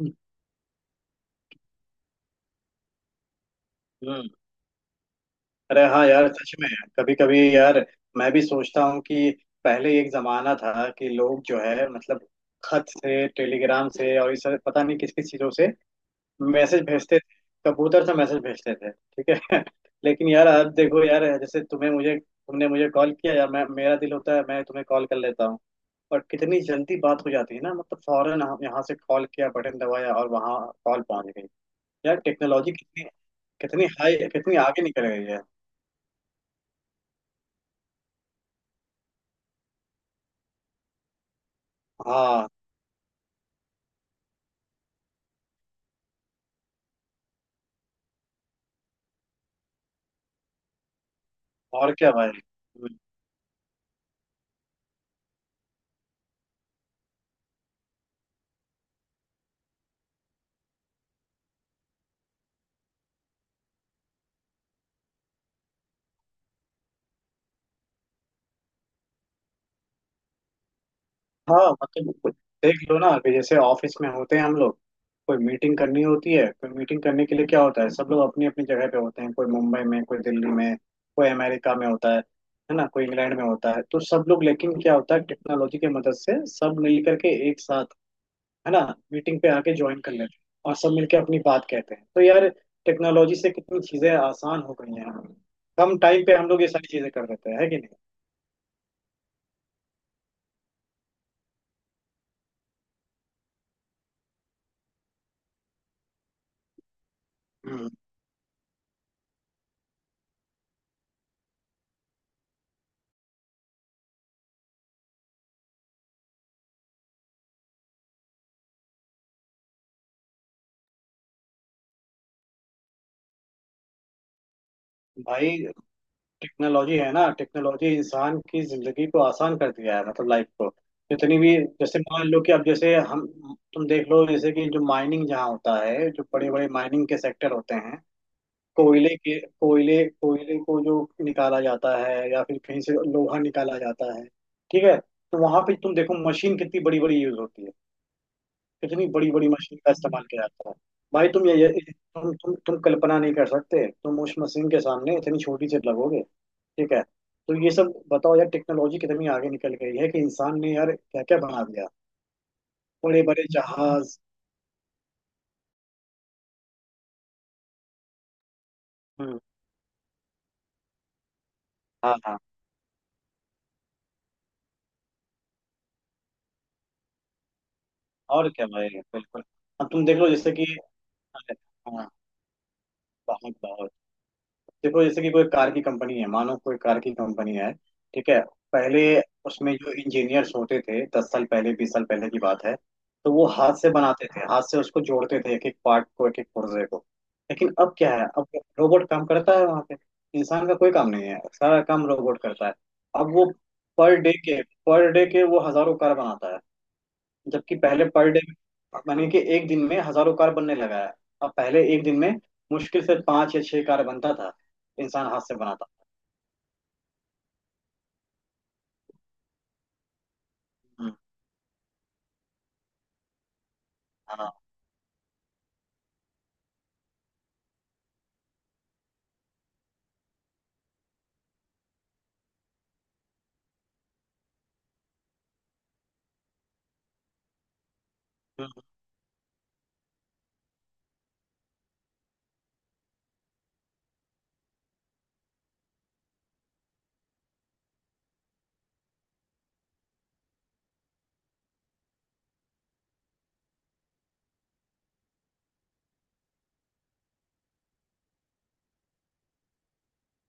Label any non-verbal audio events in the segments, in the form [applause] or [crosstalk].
हम्म। अरे हाँ यार, सच में। कभी कभी यार मैं भी सोचता हूँ कि पहले एक जमाना था कि लोग जो है, मतलब, खत से, टेलीग्राम से, और इस तरह पता नहीं किस किस चीजों से मैसेज भेजते थे। कबूतर से मैसेज भेजते थे, ठीक है। [laughs] लेकिन यार अब देखो यार, जैसे तुम्हें मुझे तुमने मुझे कॉल किया या मैं मेरा दिल होता है मैं तुम्हें कॉल कर लेता हूँ। और कितनी जल्दी बात हो जाती है ना, मतलब फौरन हम यहाँ से कॉल किया, बटन दबाया और वहाँ कॉल पहुंच गई। यार टेक्नोलॉजी कितनी कितनी हाई, कितनी आगे निकल गई है। हाँ, और क्या भाई। हाँ, मतलब देख लो ना कि जैसे ऑफिस में होते हैं हम लोग, कोई मीटिंग करनी होती है। कोई मीटिंग करने के लिए क्या होता है, सब लोग अपनी अपनी जगह पे होते हैं, कोई मुंबई में, कोई दिल्ली में, कोई अमेरिका में होता है ना, कोई इंग्लैंड में होता है। तो सब लोग, लेकिन क्या होता है, टेक्नोलॉजी की मदद से सब मिल करके एक साथ, है ना, मीटिंग पे आके ज्वाइन कर लेते हैं और सब मिलके अपनी बात कहते हैं। तो यार, टेक्नोलॉजी से कितनी चीजें आसान हो गई हैं, कम टाइम पे हम लोग ये सारी चीजें कर देते हैं, है कि नहीं। हम्म। भाई टेक्नोलॉजी है ना, टेक्नोलॉजी इंसान की जिंदगी को आसान कर दिया है, मतलब लाइफ को जितनी भी, जैसे मान लो कि अब जैसे हम, तुम देख लो जैसे कि जो माइनिंग जहाँ होता है, जो बड़े बड़े माइनिंग के सेक्टर होते हैं, कोयले के कोयले कोयले को जो निकाला जाता है या फिर कहीं से लोहा निकाला जाता है, ठीक है। तो वहां पे तुम देखो, मशीन कितनी बड़ी बड़ी यूज होती है, कितनी बड़ी बड़ी मशीन का इस्तेमाल किया जाता है। भाई तुम ये तुम कल्पना नहीं कर सकते, तुम उस मशीन के सामने इतनी छोटी सी लगोगे, ठीक है। तो ये सब बताओ यार, टेक्नोलॉजी कितनी आगे निकल गई है कि इंसान ने यार क्या क्या बना दिया, बड़े बड़े जहाज। हम्म, हाँ हाँ, और क्या भाई, बिल्कुल, अब तुम देख लो जैसे कि, हाँ, बहुत बहुत, देखो जैसे कि कोई कार की कंपनी है, मानो कोई कार की कंपनी है, ठीक है। पहले उसमें जो इंजीनियर्स होते थे, 10 साल पहले, 20 साल पहले की बात है, तो वो हाथ से बनाते थे, हाथ से उसको जोड़ते थे, एक एक पार्ट को, एक एक पुर्जे को। लेकिन अब क्या है, अब रोबोट काम करता है वहां पे, इंसान का कोई काम नहीं है, सारा काम रोबोट करता है। अब वो पर डे के वो हजारों कार बनाता है, जबकि पहले पर डे, मानिए कि एक दिन में हजारों कार बनने लगा है। अब पहले एक दिन में मुश्किल से पांच या छह कार बनता था, इंसान हाथ से बनाता। हम्म, हाँ, हम्म।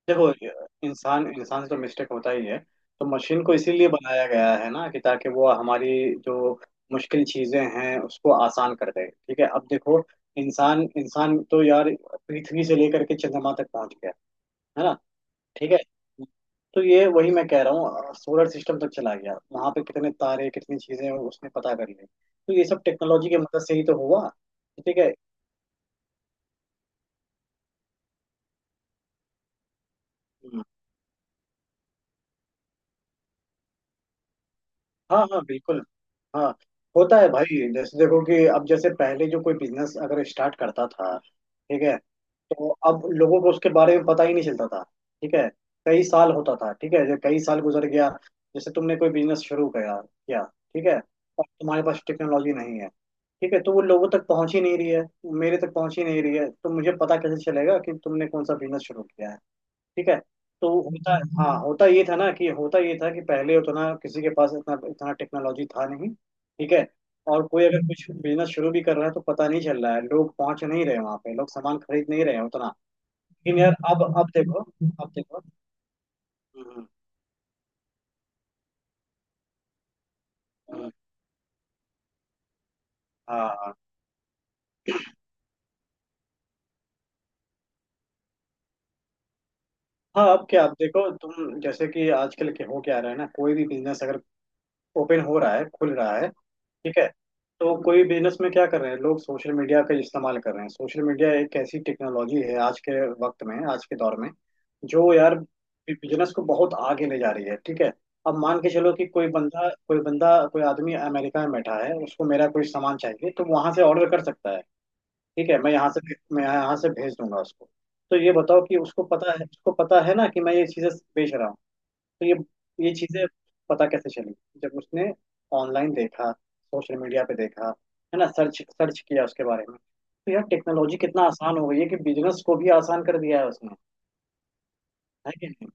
देखो, इंसान इंसान से तो मिस्टेक होता ही है, तो मशीन को इसीलिए बनाया गया है ना कि ताकि वो हमारी जो मुश्किल चीजें हैं उसको आसान कर दे। ठीक है, अब देखो, इंसान इंसान तो यार पृथ्वी से लेकर के चंद्रमा तक पहुंच गया, है ना, ठीक है। तो ये वही मैं कह रहा हूँ, सोलर सिस्टम तक चला गया, वहां पे कितने तारे, कितनी चीजें उसने पता कर ली। तो ये सब टेक्नोलॉजी की मदद से ही तो हुआ। ठीक है। हम्म, हाँ हाँ, बिल्कुल, हाँ, होता है भाई। जैसे देखो कि अब जैसे पहले जो कोई बिजनेस अगर स्टार्ट करता था, ठीक है, तो अब लोगों को उसके बारे में पता ही नहीं चलता था। ठीक है, कई साल होता था। ठीक है, जब कई साल गुजर गया, जैसे तुमने कोई बिजनेस शुरू किया किया, ठीक है, और तुम्हारे पास टेक्नोलॉजी नहीं है, ठीक है, तो वो लोगों तक पहुंच ही नहीं रही है, मेरे तक पहुंच ही नहीं रही है, तो मुझे पता कैसे चलेगा कि तुमने कौन सा बिजनेस शुरू किया है, ठीक है। तो होता हाँ, होता ये था कि पहले उतना किसी के पास इतना इतना टेक्नोलॉजी था नहीं। ठीक है, और कोई अगर कुछ बिजनेस शुरू भी कर रहा है तो पता नहीं चल रहा है, लोग पहुंच नहीं रहे वहां पे, लोग सामान खरीद नहीं रहे हैं उतना। लेकिन यार अब देखो अब देखो। हम्म, हम्म, हाँ हाँ। अब क्या, अब देखो तुम, जैसे कि आजकल के हो, क्या रहा है ना, कोई भी बिजनेस अगर ओपन हो रहा है, खुल रहा है, ठीक है, तो कोई बिजनेस में क्या कर रहे हैं लोग, सोशल मीडिया का इस्तेमाल कर रहे हैं। सोशल मीडिया एक ऐसी टेक्नोलॉजी है आज के वक्त में, आज के दौर में, जो यार बिजनेस को बहुत आगे ले जा रही है, ठीक है। अब मान के चलो कि कोई आदमी अमेरिका में बैठा है, उसको मेरा कोई सामान चाहिए तो वहां से ऑर्डर कर सकता है, ठीक है। मैं यहाँ से भेज दूंगा उसको। तो ये बताओ कि उसको पता है ना कि मैं ये चीजें बेच रहा हूँ। तो ये ये चीजें पता कैसे चली, जब उसने ऑनलाइन देखा, सोशल मीडिया पे देखा, है ना, सर्च सर्च किया उसके बारे में। तो यार टेक्नोलॉजी कितना आसान हो गई है कि बिजनेस को भी आसान कर दिया है उसने, है कि नहीं।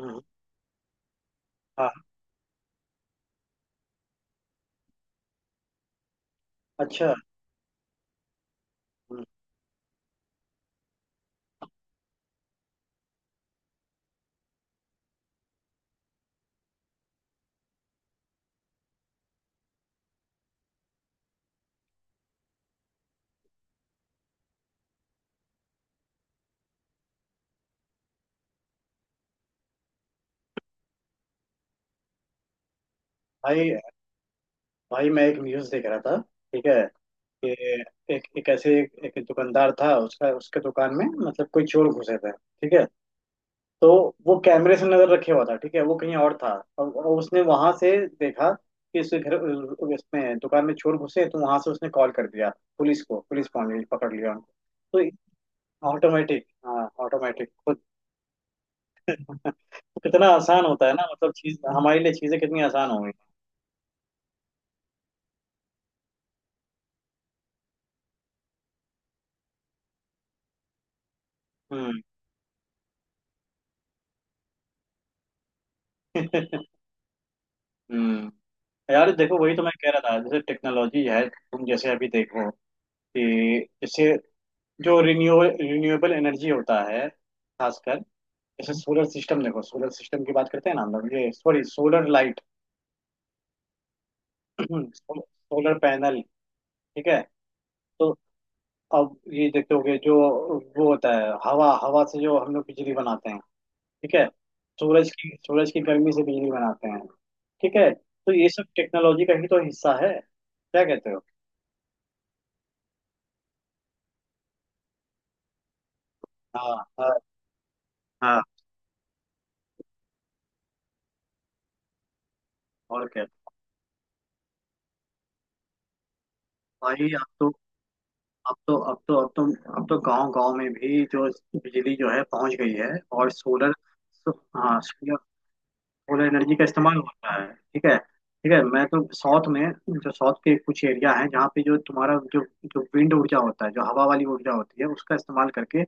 हम्म, हाँ, अच्छा। हम्म, भाई भाई मैं एक न्यूज देख रहा था, ठीक है, कि एक एक ऐसे एक, एक दुकानदार था, उसका, उसके दुकान में मतलब कोई चोर घुसे थे, ठीक है। तो वो कैमरे से नजर रखे हुआ था, ठीक है, वो कहीं और था, और उसने वहां से देखा कि इसके घर, इसमें दुकान में चोर घुसे, तो वहां से उसने कॉल कर दिया पुलिस को, पुलिस पहुंच गई, पकड़ लिया उनको। तो ऑटोमेटिक, हाँ, ऑटोमेटिक खुद। [laughs] कितना आसान होता है ना, मतलब चीज हमारे लिए, चीजें कितनी आसान हो गई। हम्म। [laughs] हम्म। यार देखो, वही तो मैं कह रहा था, जैसे टेक्नोलॉजी है, तुम जैसे अभी देखो कि जैसे जो रिन्यूएबल एनर्जी होता है, खासकर जैसे सोलर सिस्टम, देखो सोलर सिस्टम की बात करते हैं ना हम लोग, ये sorry, solar light. [clears throat] Solar panel, ठीक है। तो अब ये देखते होगे जो वो होता है, हवा, हवा से जो हम लोग बिजली बनाते हैं, ठीक है, सूरज की, सूरज की गर्मी से बिजली बनाते हैं, ठीक है। तो ये सब टेक्नोलॉजी का ही तो हिस्सा है, क्या कहते हो। हाँ हाँ हाँ, और क्या भाई। अब तो गांव गांव में भी जो बिजली जो है पहुंच गई है। और सोलर, हाँ, सोलर एनर्जी का इस्तेमाल होता है, ठीक है, ठीक है। मैं तो साउथ में, जो साउथ के कुछ एरिया है जहाँ पे जो तुम्हारा जो जो विंड ऊर्जा होता है, जो हवा वाली ऊर्जा होती है, उसका इस्तेमाल करके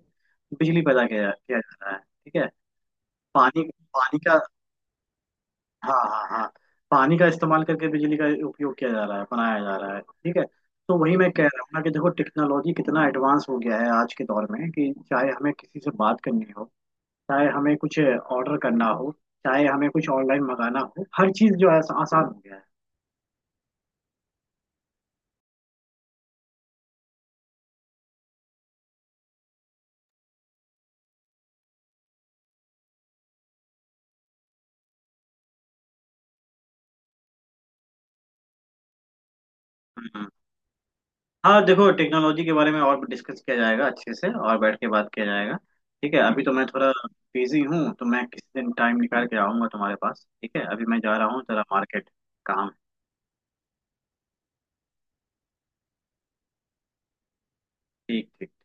बिजली पैदा किया जा रहा है, ठीक है। पानी, पानी का, हाँ हाँ हाँ, पानी का इस्तेमाल करके बिजली का उपयोग किया जा रहा है, बनाया जा रहा है, ठीक है। तो वही मैं कह रहा हूँ ना कि देखो टेक्नोलॉजी कितना एडवांस हो गया है आज के दौर में, कि चाहे हमें किसी से बात करनी हो, चाहे हमें कुछ ऑर्डर करना हो, चाहे हमें कुछ ऑनलाइन मंगाना हो, हर चीज जो है आसान हो गया है। हम्म। हाँ देखो, टेक्नोलॉजी के बारे में और डिस्कस किया जाएगा अच्छे से और बैठ के बात किया जाएगा, ठीक है। अभी तो मैं थोड़ा बिजी हूँ, तो मैं किसी दिन टाइम निकाल के आऊंगा तुम्हारे पास, ठीक है। अभी मैं जा रहा हूँ जरा, मार्केट काम है। ठीक ठीक।